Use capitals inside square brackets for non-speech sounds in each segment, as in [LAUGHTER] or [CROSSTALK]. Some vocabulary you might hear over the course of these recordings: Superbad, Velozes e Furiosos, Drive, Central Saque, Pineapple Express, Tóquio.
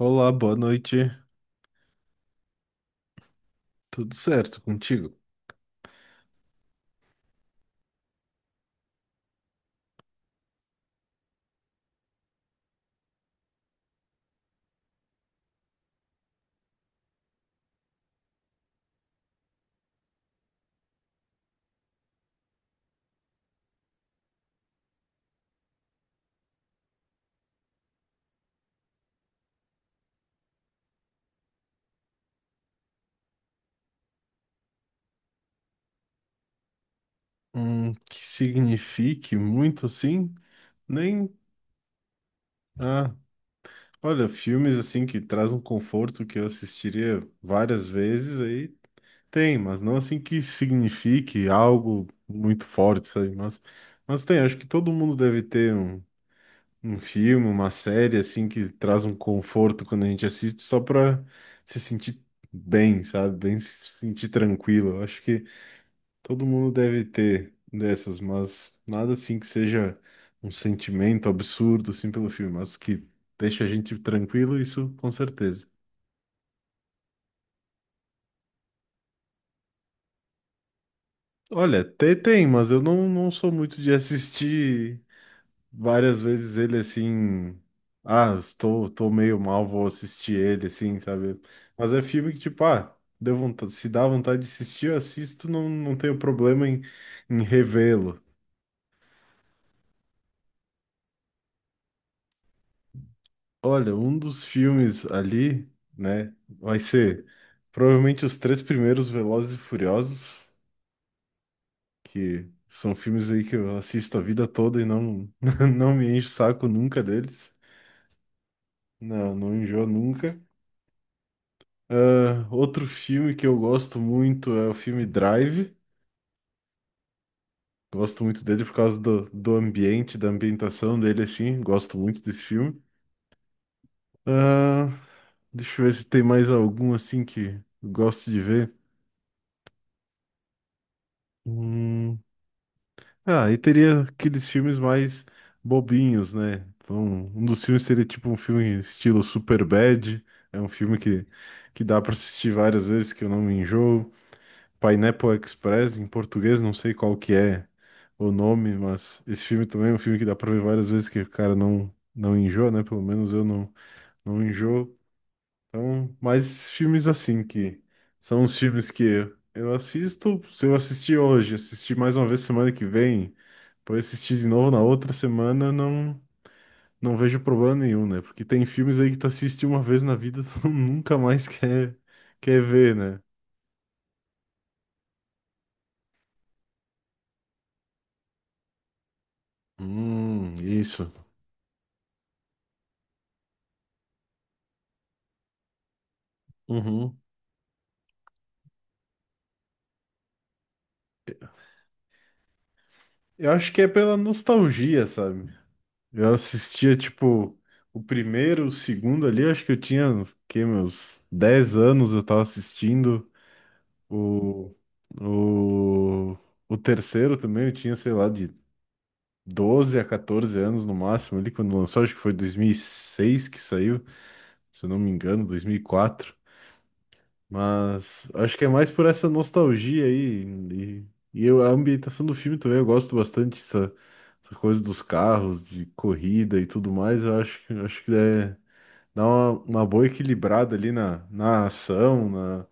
Olá, boa noite. Tudo certo contigo? Que signifique muito assim? Nem. Ah, olha, filmes assim que traz um conforto que eu assistiria várias vezes aí tem, mas não assim que signifique algo muito forte, sabe? Mas, tem, acho que todo mundo deve ter um, filme, uma série assim que traz um conforto quando a gente assiste só pra se sentir bem, sabe? Bem se sentir tranquilo. Eu acho que. Todo mundo deve ter dessas, mas nada assim que seja um sentimento absurdo assim pelo filme, mas que deixa a gente tranquilo, isso com certeza. Olha, tem, tem, mas eu não, não sou muito de assistir várias vezes ele assim. Ah, tô meio mal, vou assistir ele assim, sabe? Mas é filme que, tipo, ah, deu vontade, se dá vontade de assistir, eu assisto, não, não tenho problema em, revê-lo. Olha, um dos filmes ali, né, vai ser provavelmente os três primeiros Velozes e Furiosos, que são filmes aí que eu assisto a vida toda e não, [LAUGHS] não me encho o saco nunca deles. Não, não enjoo nunca. Ah, outro filme que eu gosto muito é o filme Drive. Gosto muito dele por causa do, ambiente, da ambientação dele, assim. Gosto muito desse filme. Ah, deixa eu ver se tem mais algum assim que eu gosto de ver. Hum, Ah, e teria aqueles filmes mais bobinhos, né? Então, um dos filmes seria tipo um filme estilo Superbad, é um filme que, dá para assistir várias vezes, que eu não me enjoo. Pineapple Express, em português, não sei qual que é o nome, mas esse filme também é um filme que dá para ver várias vezes, que o cara não, não enjoa, né? Pelo menos eu não, não enjoo. Então, mais filmes assim que são os filmes que eu assisto. Se eu assistir hoje, assistir mais uma vez semana que vem, depois assistir de novo na outra semana, não, não vejo problema nenhum, né? Porque tem filmes aí que tu assiste uma vez na vida, [LAUGHS] tu nunca mais quer ver, né? Isso. Uhum. Eu acho que é pela nostalgia, sabe? Eu assistia, tipo, o primeiro, o segundo ali, acho que eu tinha, o quê, meus 10 anos eu tava assistindo. O, o, o terceiro também eu tinha, sei lá, de 12 a 14 anos no máximo ali quando lançou, acho que foi 2006 que saiu, se eu não me engano, 2004. Mas acho que é mais por essa nostalgia aí e eu, a ambientação do filme também, eu gosto bastante dessa, essa coisa dos carros, de corrida e tudo mais. Eu acho que Acho que é, dá uma boa equilibrada ali na, ação,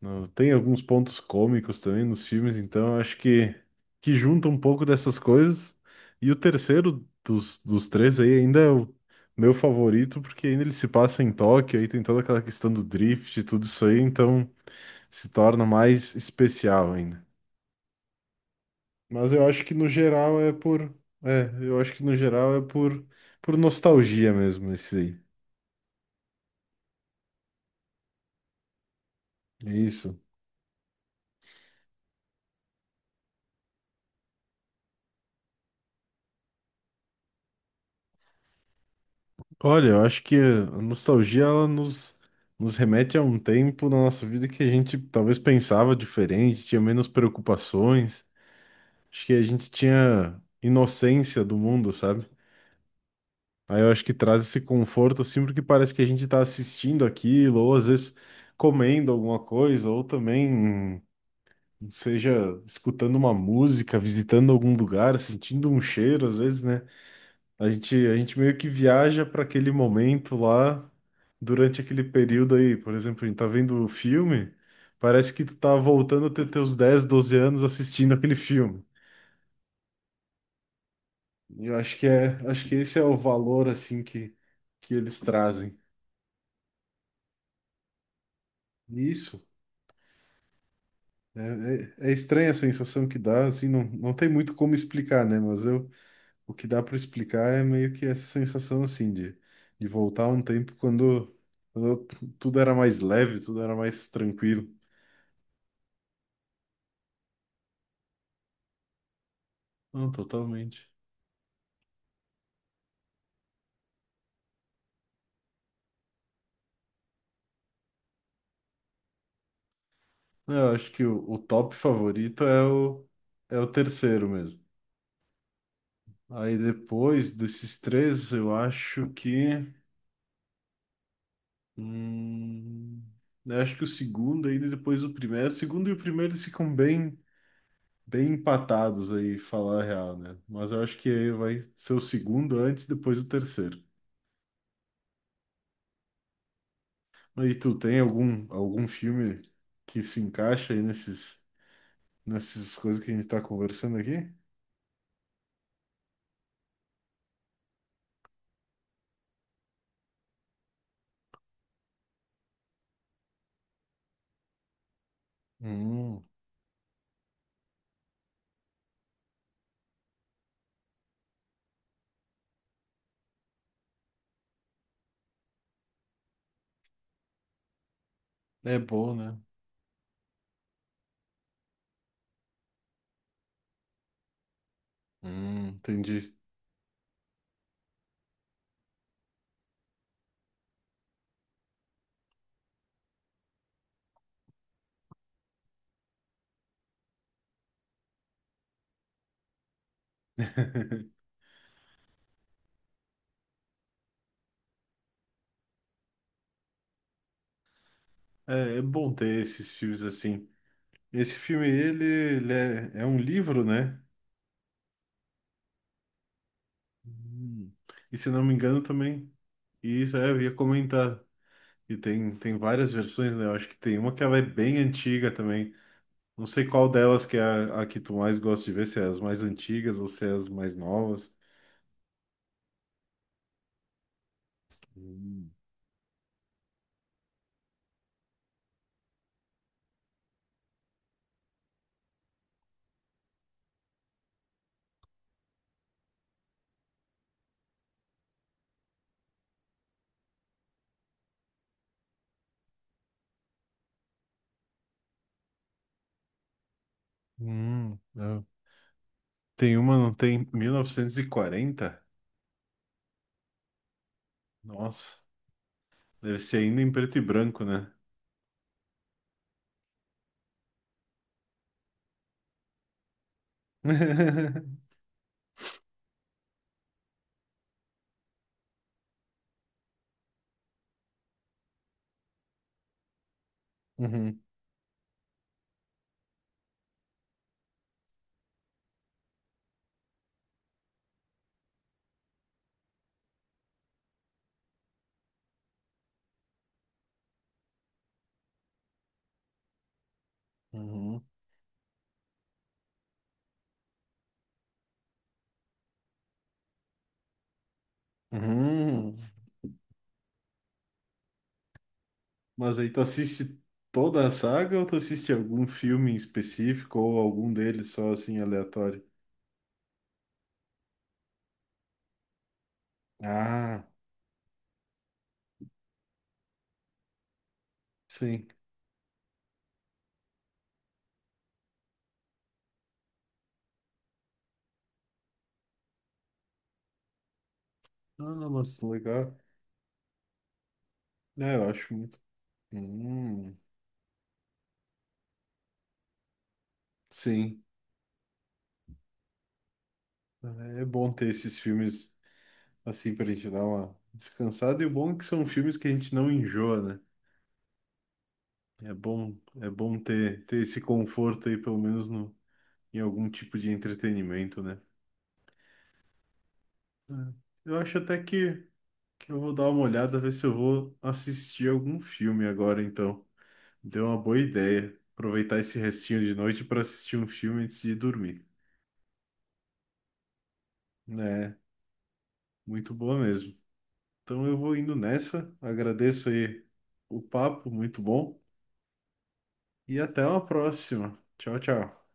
tem alguns pontos cômicos também nos filmes, então eu acho que, junta um pouco dessas coisas. E o terceiro dos três aí ainda é o meu favorito, porque ainda ele se passa em Tóquio, aí tem toda aquela questão do drift e tudo isso aí, então se torna mais especial ainda. Mas eu acho que no geral é por. É, eu acho que no geral é por nostalgia mesmo, esse aí. É isso. Olha, eu acho que a nostalgia ela nos remete a um tempo na nossa vida que a gente talvez pensava diferente, tinha menos preocupações, acho que a gente tinha inocência do mundo, sabe? Aí eu acho que traz esse conforto assim, porque parece que a gente tá assistindo aquilo, ou às vezes comendo alguma coisa, ou também seja escutando uma música, visitando algum lugar, sentindo um cheiro, às vezes, né? A gente meio que viaja para aquele momento lá, durante aquele período aí. Por exemplo, a gente tá vendo o filme, parece que tu tá voltando a ter teus 10 12 anos assistindo aquele filme. E eu acho que é, acho que esse é o valor, assim, que, eles trazem. Isso. É, É estranha a sensação que dá, assim, não, não tem muito como explicar, né? Mas eu, o que dá para explicar é meio que essa sensação, assim, de, voltar a um tempo quando tudo era mais leve, tudo era mais tranquilo. Não, totalmente. É, eu acho que o top favorito é o terceiro mesmo. Aí depois desses três, eu acho que. Hum, eu acho que o segundo ainda e depois o primeiro. O segundo e o primeiro eles ficam bem, bem empatados aí, falar a real, né? Mas eu acho que aí vai ser o segundo antes, depois o terceiro. E tu tem algum filme que se encaixa aí nesses, nessas coisas que a gente tá conversando aqui? Hum, É bom, né? Entendi. É, é bom ter esses filmes assim. Esse filme, ele é um livro, né? Hum. E se eu não me engano também. E isso, é, eu ia comentar. E tem, tem várias versões, né? Eu acho que tem uma que ela é bem antiga também. Não sei qual delas que é a que tu mais gosta de ver, se é as mais antigas ou se é as mais novas. Hum. É. Tem uma, não tem? 1940? Nossa, deve ser ainda em preto e branco, né? [LAUGHS] Uhum. Uhum. Uhum. Mas aí tu assiste toda a saga ou tu assiste algum filme em específico ou algum deles só assim aleatório? Ah, sim. Ah, mas legal. É, eu acho muito. Hum, sim. É bom ter esses filmes assim pra gente dar uma descansada. E o bom é que são filmes que a gente não enjoa, né? É bom, é bom ter esse conforto aí, pelo menos no, em algum tipo de entretenimento, né? É. Eu acho até que eu vou dar uma olhada, ver se eu vou assistir algum filme agora, então. Deu uma boa ideia. Aproveitar esse restinho de noite para assistir um filme antes de dormir. É, muito boa mesmo. Então eu vou indo nessa. Agradeço aí o papo, muito bom. E até uma próxima. Tchau, tchau.